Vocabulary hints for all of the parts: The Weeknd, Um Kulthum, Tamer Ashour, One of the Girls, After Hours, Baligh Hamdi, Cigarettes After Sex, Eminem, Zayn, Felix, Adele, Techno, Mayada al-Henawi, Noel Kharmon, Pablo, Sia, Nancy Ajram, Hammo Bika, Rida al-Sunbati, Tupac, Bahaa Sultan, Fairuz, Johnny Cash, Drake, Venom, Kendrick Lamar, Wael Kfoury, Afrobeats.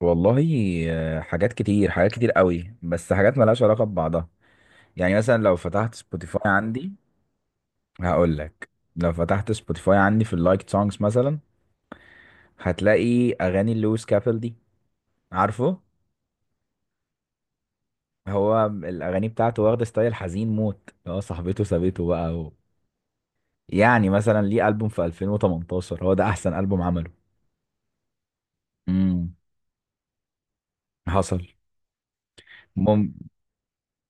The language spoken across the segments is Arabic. والله، حاجات كتير حاجات كتير قوي، بس حاجات ملهاش علاقة ببعضها. يعني مثلا لو فتحت سبوتيفاي عندي، هقول لك. لو فتحت سبوتيفاي عندي في اللايك سونجز مثلا، هتلاقي اغاني لويس كابل دي. عارفه؟ هو الاغاني بتاعته واخده ستايل حزين موت، هو صاحبته سابته بقى و يعني مثلا ليه البوم في 2018 هو ده احسن البوم عمله. امم حصل. مم.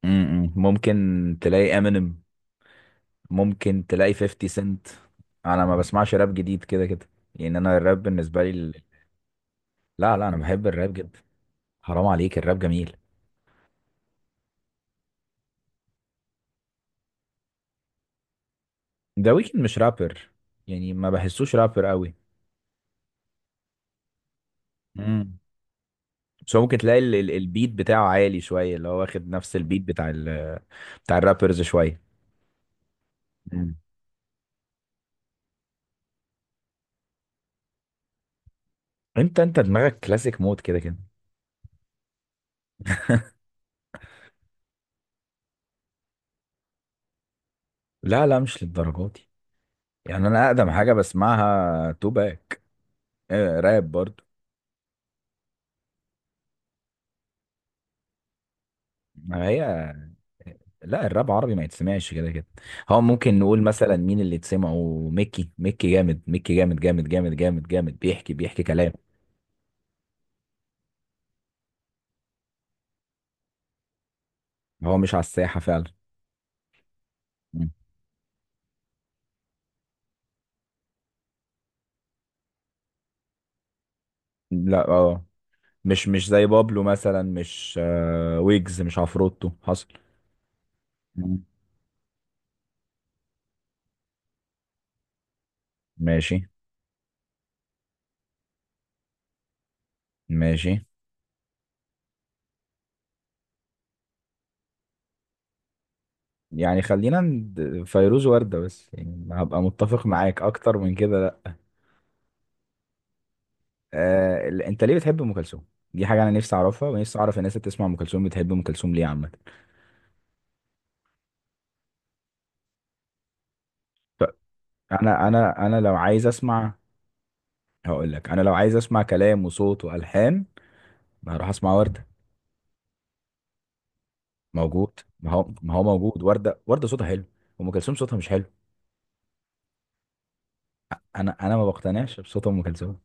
مم. مم. ممكن تلاقي امينيم، ممكن تلاقي 50 سنت. انا ما بسمعش راب جديد كده كده. يعني انا الراب بالنسبه لي لا، لا انا بحب الراب جدا. حرام عليك، الراب جميل. ذا ويكند مش رابر، يعني ما بحسوش رابر قوي. امم بس هو ممكن تلاقي البيت بتاعه عالي شويه، اللي هو واخد نفس البيت بتاع الرابرز شويه. مم. انت دماغك كلاسيك مود كده كده. لا، لا مش للدرجات دي. يعني انا اقدم حاجه بسمعها توباك. آه، راب برضو. ما هي. لا، الراب عربي ما يتسمعش كده كده. هو ممكن نقول مثلا مين اللي تسمعه. ميكي، ميكي جامد. ميكي جامد جامد جامد جامد جامد، بيحكي بيحكي كلام. هو مش على الساحة فعلا. مم. لا، اه. مش زي بابلو مثلا، مش ويجز، مش عفروتو. حصل. مم. ماشي. ماشي. يعني خلينا فيروز وردة بس، يعني هبقى متفق معاك اكتر من كده، لا. آه، انت ليه بتحب ام كلثوم؟ دي حاجة انا نفسي اعرفها، ونفسي اعرف الناس اللي بتسمع ام كلثوم بتحب ام كلثوم ليه عامة. انا لو عايز اسمع، هقول لك. انا لو عايز اسمع كلام وصوت والحان، ما هروح اسمع ورده. موجود، ما هو موجود ورده، ورده صوتها حلو. ام كلثوم صوتها مش حلو. انا ما بقتنعش بصوت ام كلثوم.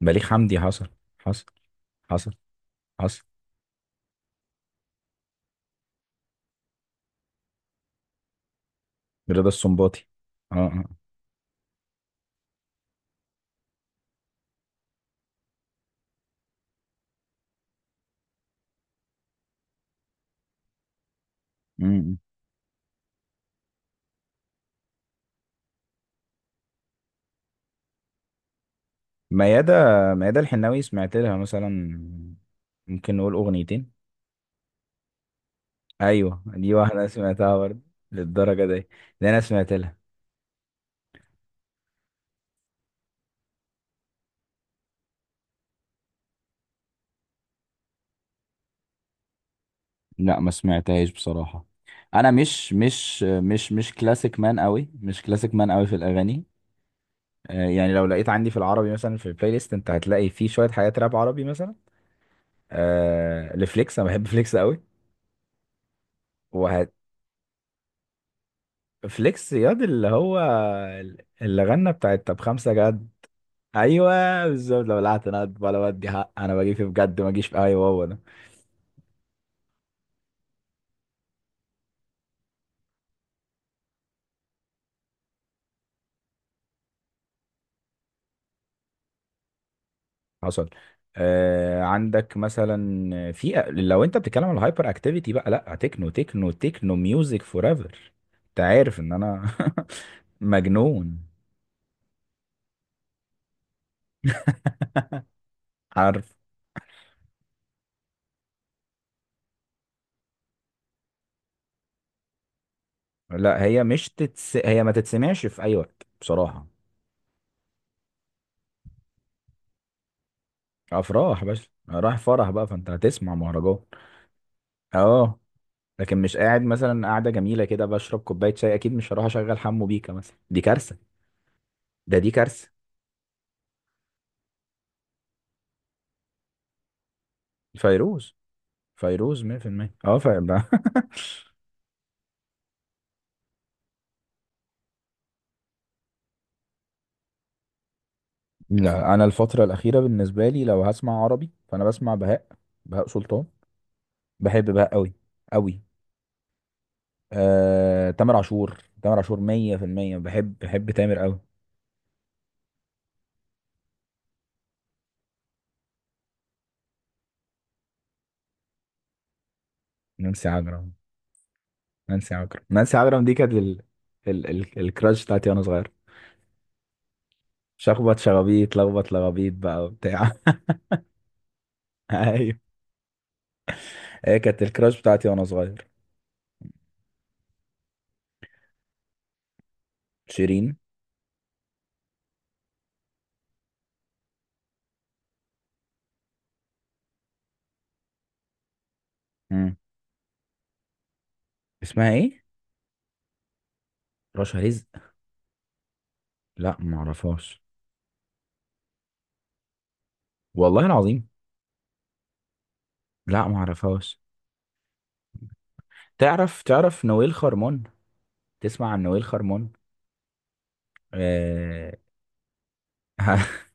بليغ حمدي، حصل. حصل. حصل. حصل. رضا السنباطي. اه، اه. أمم. ميادة ميادة الحناوي سمعت لها مثلا، ممكن نقول اغنيتين. ايوه، دي واحده سمعتها برضه. للدرجه دي. دي انا سمعت لها. لا، ما سمعتهاش بصراحة. انا مش كلاسيك مان قوي، مش كلاسيك مان قوي في الاغاني. آه، يعني لو لقيت عندي في العربي مثلا في البلاي ليست، انت هتلاقي فيه شوية حاجات راب عربي مثلا. آه، لفليكس، انا بحب فليكس قوي. وهت فليكس ياض اللي هو اللي غنى بتاعت طب خمسة جد. ايوه بالظبط، لو بلعت انا، ولا ودي حق، انا بجي في بجد ما اجيش في، ايوه هو ده. حصل. آه عندك مثلا، في لو انت بتتكلم على الهايبر اكتيفيتي بقى، لا، تكنو تكنو تكنو ميوزك فور ايفر. انت عارف ان انا مجنون. عارف. لا، هي مش تتس... هي ما تتسمعش في اي وقت بصراحة. افراح، بس رايح فرح بقى فانت هتسمع مهرجان. اه. لكن مش قاعد مثلا قاعدة جميلة كده بشرب كوباية شاي، اكيد مش هروح اشغل حمو بيكا مثلا، دي كارثة. دي كارثة. فيروز، فيروز 100%. اه، فاهم. لا، انا الفتره الاخيره بالنسبه لي، لو هسمع عربي فانا بسمع بهاء. بهاء سلطان. بحب بهاء قوي. قوي. تامر عاشور، تامر عاشور 100%، بحب بحب تامر قوي. نانسي عجرم. نانسي عجرم. نانسي عجرم دي كانت الكراش بتاعتي وانا صغير. شخبط شخابيط لخبط لغابيط بقى وبتاع. ايوه، هي كانت الكراش بتاعتي وانا صغير. شيرين. مم. اسمها ايه؟ رشا رزق. لا، ما اعرفهاش. والله العظيم. لا، ما اعرفهاش. تعرف نويل خرمون؟ تسمع عن نويل خرمون؟ آه.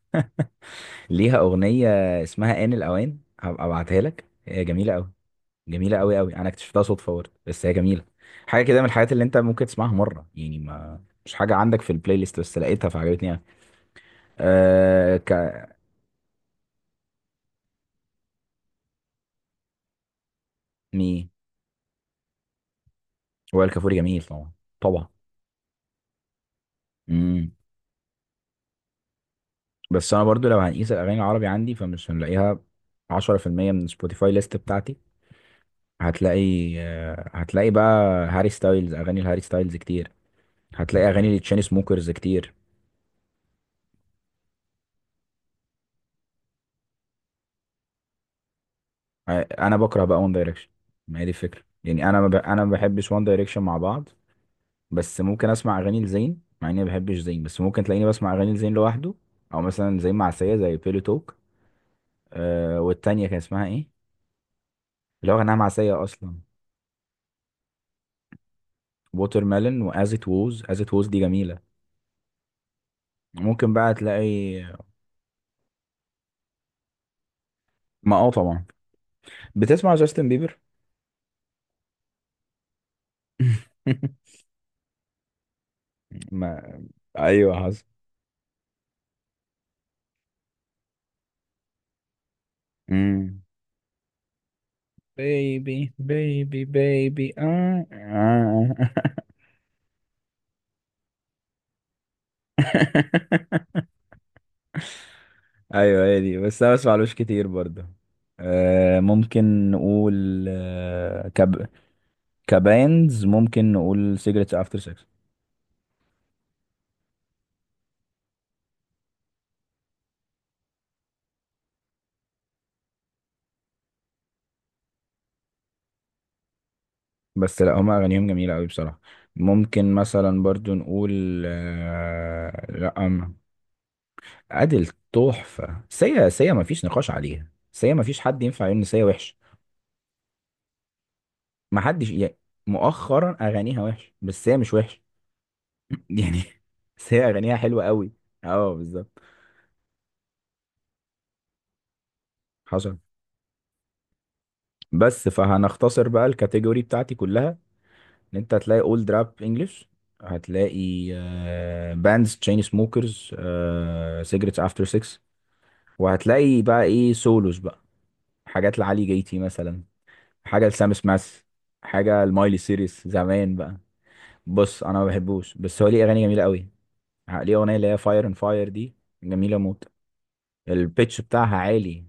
ليها أغنية اسمها آن الأوان، هبقى أبعتها لك، هي جميلة أوي. جميلة أوي أوي. أنا اكتشفتها صدفة برضه، بس هي جميلة. حاجة كده من الحاجات اللي أنت ممكن تسمعها مرة، يعني ما مش حاجة عندك في البلاي ليست، بس لقيتها فعجبتني يعني. أه ك مي وائل كفوري جميل طبعا. طبعا. امم بس أنا برضو لو هنقيس الأغاني العربي عندي فمش هنلاقيها 10% من سبوتيفاي ليست بتاعتي. هتلاقي. آه، هتلاقي بقى هاري ستايلز، أغاني الهاري ستايلز كتير. هتلاقي اغاني لتشين سموكرز كتير. انا بكره بقى وان دايركشن. ما هي دي الفكره، يعني انا ما بحبش وان دايركشن مع بعض. بس ممكن اسمع اغاني لزين، مع اني ما بحبش زين، بس ممكن تلاقيني بسمع اغاني لزين لوحده. او مثلا زين معسيه زي بيلو توك. آه، والتانيه كان اسمها ايه، اللي هو غناها معسيه اصلا. ووتر ميلون، واز ات ووز از ات ووز، دي جميله. ممكن بقى تلاقي. ما طبعا. بتسمع جاستن بيبر؟ ما ايوه، حصل. بيبي بيبي بيبي، آه. آه. ايوه، هي دي، بس انا بسمعلوش كتير برضه. ممكن نقول كباندز، ممكن نقول سيجرتس افتر سكس. بس لا، هما اغانيهم جميله قوي بصراحه. ممكن مثلا برضو نقول، لا، ادل. تحفه. سيا، سيا ما فيش نقاش عليها. سيا ما فيش حد ينفع يقول ان سيا وحش. ما حدش يعني. مؤخرا اغانيها وحش، بس سيا مش وحش. يعني. بس هي اغانيها حلوه قوي. اه بالظبط. حصل. بس فهنختصر بقى الكاتيجوري بتاعتي كلها. ان انت هتلاقي اولد راب انجلش. هتلاقي باندز، تشين سموكرز، سيجرتس افتر 6. وهتلاقي بقى ايه، سولوز بقى. حاجات لعلي جيتي مثلا، حاجه لسام سماث، حاجه لمايلي سيريس زمان بقى. بص، انا ما بحبوش، بس هو ليه اغاني جميله قوي. ليه اغنيه اللي هي فاير اند فاير دي، جميله موت. البيتش بتاعها عالي.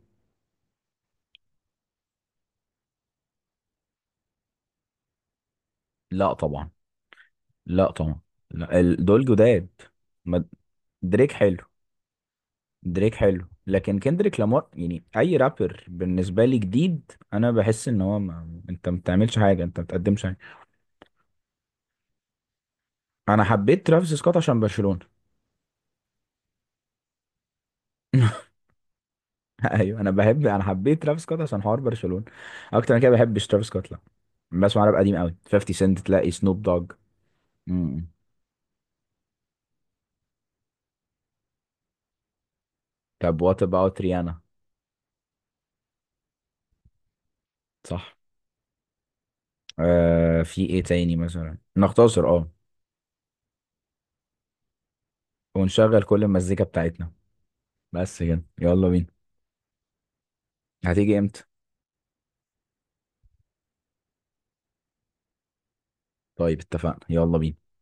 لا، طبعا. لا، طبعا. لا، دول جداد. ما- دريك حلو. دريك حلو، لكن كندريك لامار، يعني اي رابر بالنسبه لي جديد، انا بحس ان هو ما... انت ما بتعملش حاجه، انت ما بتقدمش حاجه. انا حبيت ترافيس سكوت عشان برشلونه. ايوه، انا انا حبيت ترافيس سكوت عشان حوار برشلونه. اكتر من كده ما بحبش ترافيس سكوت، لا. بسمع راب قديم قوي، 50 سنت، تلاقي سنوب دوج. امم طب وات اباوت ريانا؟ صح. آه، في ايه تاني مثلا نختصر، ونشغل كل المزيكا بتاعتنا. بس كده، يلا بينا. هتيجي امتى؟ طيب اتفقنا، يلا بينا.